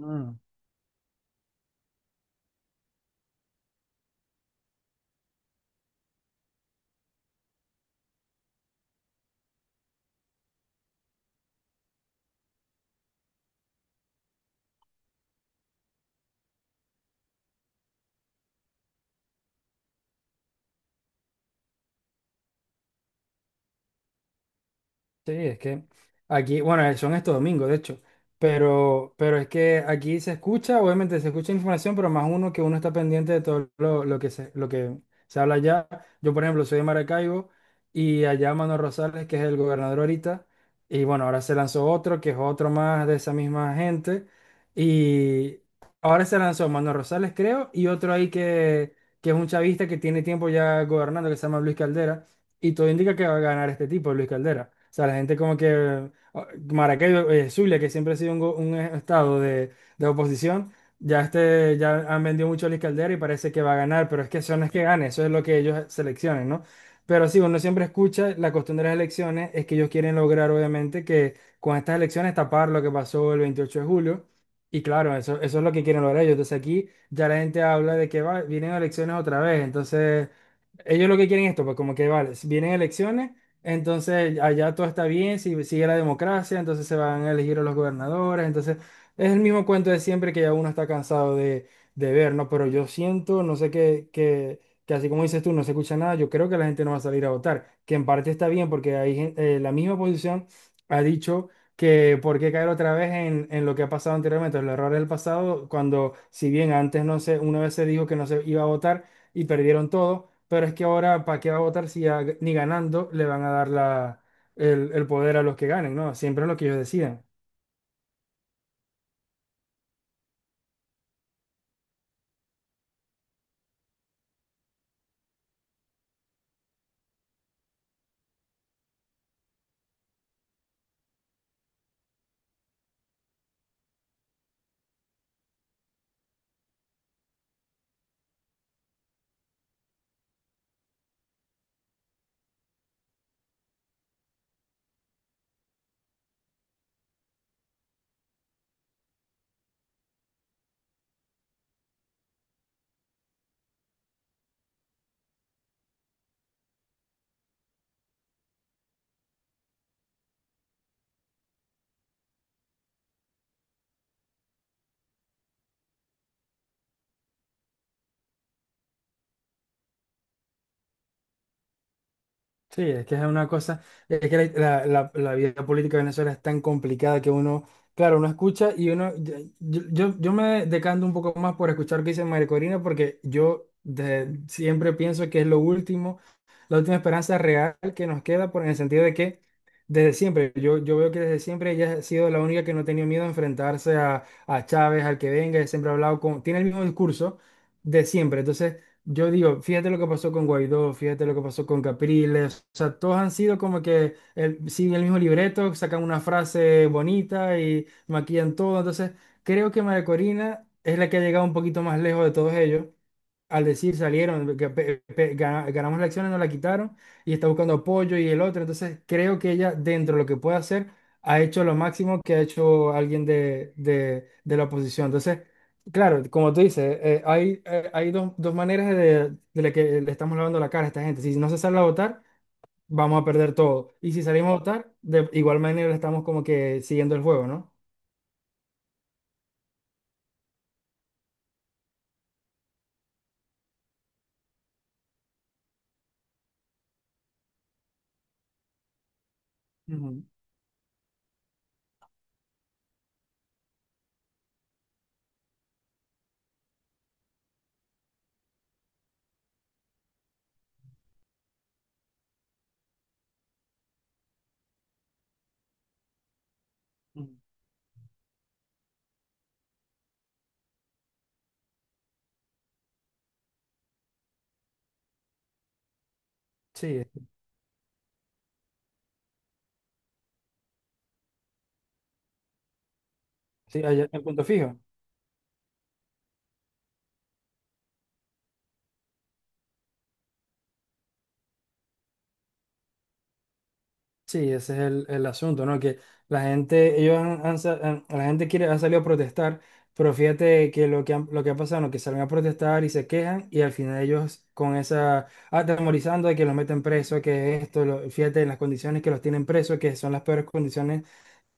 Mm. Sí, es que aquí, bueno, son estos domingos, de hecho, pero es que aquí se escucha, obviamente se escucha información, pero más uno que uno está pendiente de todo lo que se habla allá. Yo, por ejemplo, soy de Maracaibo y allá Manuel Rosales, que es el gobernador ahorita, y bueno, ahora se lanzó otro, que es otro más de esa misma gente, y ahora se lanzó Manuel Rosales, creo, y otro ahí que es un chavista que tiene tiempo ya gobernando, que se llama Luis Caldera. Y todo indica que va a ganar este tipo, Luis Caldera. O sea, la gente como que Maracaibo, Zulia, que siempre ha sido un estado de oposición, ya han vendido mucho a Luis Caldera y parece que va a ganar, pero es que eso no es que gane, eso es lo que ellos seleccionen, ¿no? Pero sí, uno siempre escucha, la costumbre de las elecciones es que ellos quieren lograr, obviamente, que con estas elecciones tapar lo que pasó el 28 de julio. Y claro, eso es lo que quieren lograr ellos. Entonces aquí ya la gente habla de que vienen elecciones otra vez. Entonces... Ellos lo que quieren es esto, pues como que vale, si vienen elecciones, entonces allá todo está bien, si sigue la democracia, entonces se van a elegir a los gobernadores, entonces es el mismo cuento de siempre que ya uno está cansado de, ver, ¿no? Pero yo siento, no sé qué, que así como dices tú, no se escucha nada, yo creo que la gente no va a salir a votar, que en parte está bien porque hay, la misma oposición ha dicho que por qué caer otra vez en lo que ha pasado anteriormente, los errores del pasado, cuando si bien antes no sé, una vez se dijo que no se iba a votar y perdieron todo. Pero es que ahora, ¿para qué va a votar si ya ni ganando le van a dar el poder a los que ganen? ¿No? Siempre es lo que ellos decidan. Sí, es que es una cosa, es que la vida política de Venezuela es tan complicada que uno, claro, uno escucha y yo me decanto un poco más por escuchar lo que dice María Corina porque yo siempre pienso que es lo último, la última esperanza real que nos queda, por, en el sentido de que desde siempre, yo veo que desde siempre ella ha sido la única que no ha tenido miedo a enfrentarse a Chávez, al que venga, ella siempre ha hablado con, tiene el mismo discurso de siempre, entonces... Yo digo, fíjate lo que pasó con Guaidó, fíjate lo que pasó con Capriles, o sea, todos han sido como que el, siguen el mismo libreto, sacan una frase bonita y maquillan todo, entonces creo que María Corina es la que ha llegado un poquito más lejos de todos ellos, al decir salieron, que ganamos la acción, nos la quitaron y está buscando apoyo y el otro. Entonces creo que ella, dentro de lo que puede hacer, ha hecho lo máximo que ha hecho alguien de, de la oposición. Entonces, claro, como tú dices, hay dos maneras de la que le estamos lavando la cara a esta gente. Si no se sale a votar, vamos a perder todo. Y si salimos a votar, de igual manera estamos como que siguiendo el juego, ¿no? Ujú, ujú. Sí, sí, en Punto Fijo. Sí, ese es el asunto, ¿no? Que la gente, ellos la gente quiere, ha salido a protestar, pero fíjate que lo que, lo que ha pasado, ¿no? Que salen a protestar y se quejan y al final ellos con esa, atemorizando de que los meten preso, que esto, fíjate en las condiciones que los tienen presos, que son las peores condiciones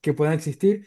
que pueden existir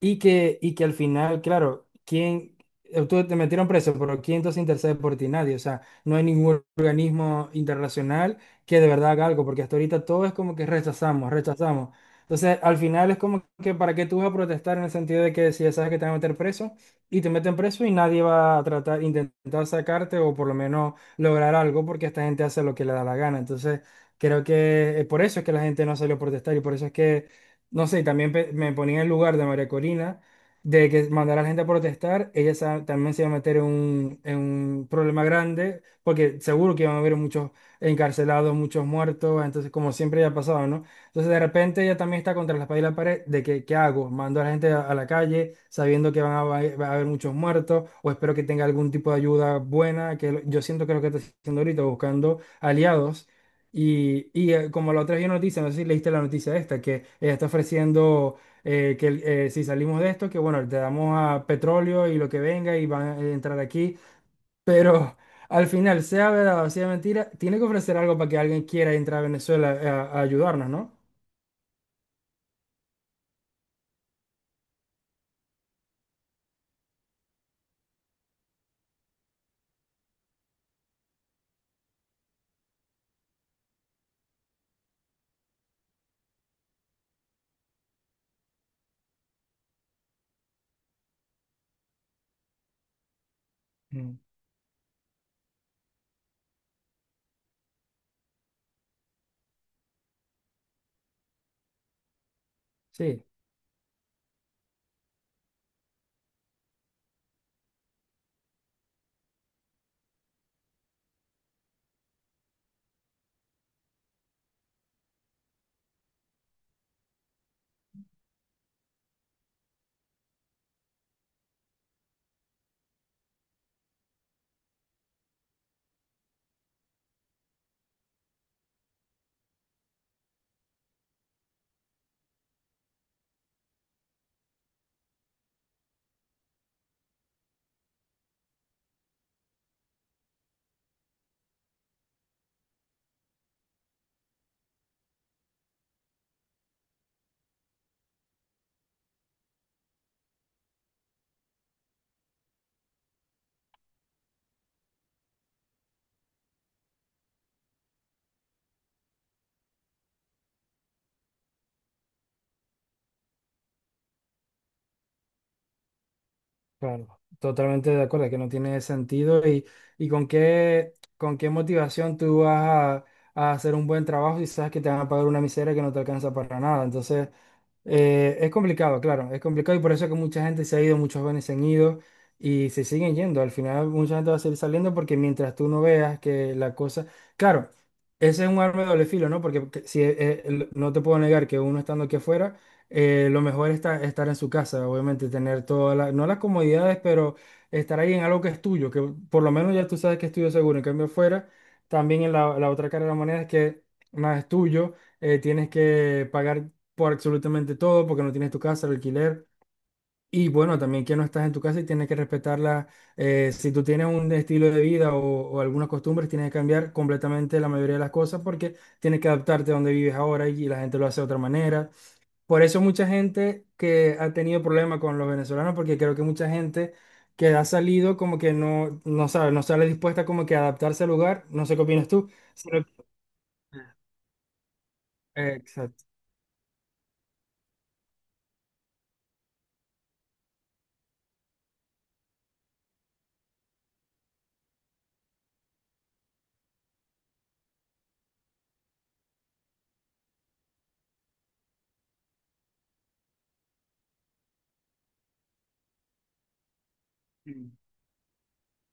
y que al final, claro, ¿quién? Tú te metieron preso, pero ¿quién entonces intercede por ti? Nadie. O sea, no hay ningún organismo internacional que de verdad haga algo, porque hasta ahorita todo es como que rechazamos, rechazamos. Entonces, al final es como que para qué tú vas a protestar en el sentido de que si ya sabes que te van a meter preso y te meten preso y nadie va a tratar, intentar sacarte o por lo menos lograr algo, porque esta gente hace lo que le da la gana. Entonces, creo que por eso es que la gente no salió a protestar y por eso es que no sé, y también me ponía en el lugar de María Corina, de que mandar a la gente a protestar, ella también se iba a meter en un problema grande, porque seguro que iban a haber muchos encarcelados, muchos muertos, entonces como siempre ya ha pasado, ¿no? Entonces de repente ella también está contra la espada y la pared de que, ¿qué hago? ¿Mando a la gente a la calle sabiendo que va a haber muchos muertos? ¿O espero que tenga algún tipo de ayuda buena? Que yo siento que es lo que está haciendo ahorita, buscando aliados como la otra vez vi noticia, no sé si leíste la noticia esta, que ella está ofreciendo que si salimos de esto, que bueno, te damos a petróleo y lo que venga y van a entrar aquí, pero al final, sea verdad o sea mentira, tiene que ofrecer algo para que alguien quiera entrar a Venezuela a ayudarnos, ¿no? Mm. Sí. Claro, totalmente de acuerdo, que no tiene sentido y con qué motivación tú vas a hacer un buen trabajo y sabes que te van a pagar una miseria que no te alcanza para nada. Entonces, es complicado, claro, es complicado y por eso es que mucha gente se ha ido, muchos jóvenes se han ido y se siguen yendo. Al final mucha gente va a seguir saliendo porque mientras tú no veas que la cosa... Claro, ese es un arma de doble filo, ¿no? Porque no te puedo negar que uno estando aquí afuera lo mejor es estar en su casa, obviamente, tener todas las, no las comodidades, pero estar ahí en algo que es tuyo, que por lo menos ya tú sabes que es tuyo seguro. En cambio, fuera, también en la otra cara de la moneda es que nada es tuyo, tienes que pagar por absolutamente todo porque no tienes tu casa, el alquiler. Y bueno, también que no estás en tu casa y tienes que respetarla. Si tú tienes un estilo de vida o algunas costumbres, tienes que cambiar completamente la mayoría de las cosas porque tienes que adaptarte a donde vives ahora y la gente lo hace de otra manera. Por eso mucha gente que ha tenido problemas con los venezolanos, porque creo que mucha gente que ha salido como que no, no sabe, no sale dispuesta como que a adaptarse al lugar, no sé qué opinas tú, sino- Exacto.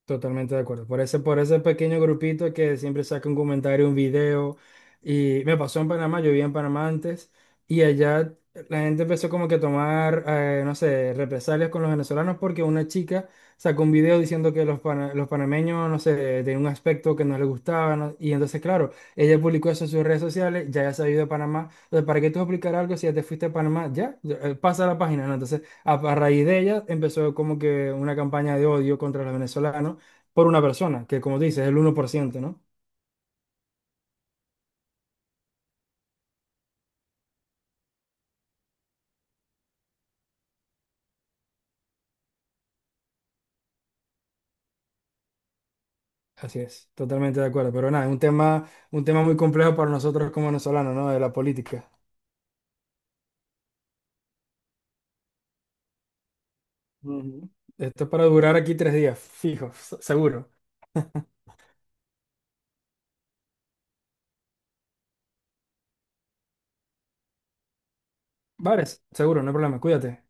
Totalmente de acuerdo. Por ese pequeño grupito que siempre saca un comentario, un video. Y me pasó en Panamá, yo vivía en Panamá antes, y allá la gente empezó como que a tomar, no sé, represalias con los venezolanos porque una chica sacó un video diciendo que los panameños, no sé, tenían un aspecto que no les gustaba, ¿no? Y entonces, claro, ella publicó eso en sus redes sociales, ya se ha ido de Panamá. Entonces, ¿para qué tú explicar algo si ya te fuiste a Panamá? Ya, ya, pasa la página, ¿no? Entonces, a raíz de ella empezó como que una campaña de odio contra los venezolanos por una persona, que como dices, es el 1%, ¿no? Así es, totalmente de acuerdo. Pero nada, es un tema muy complejo para nosotros como venezolanos, ¿no? De la política. Ujú. Esto es para durar aquí 3 días, fijo, seguro. Bares, seguro, no hay problema, cuídate.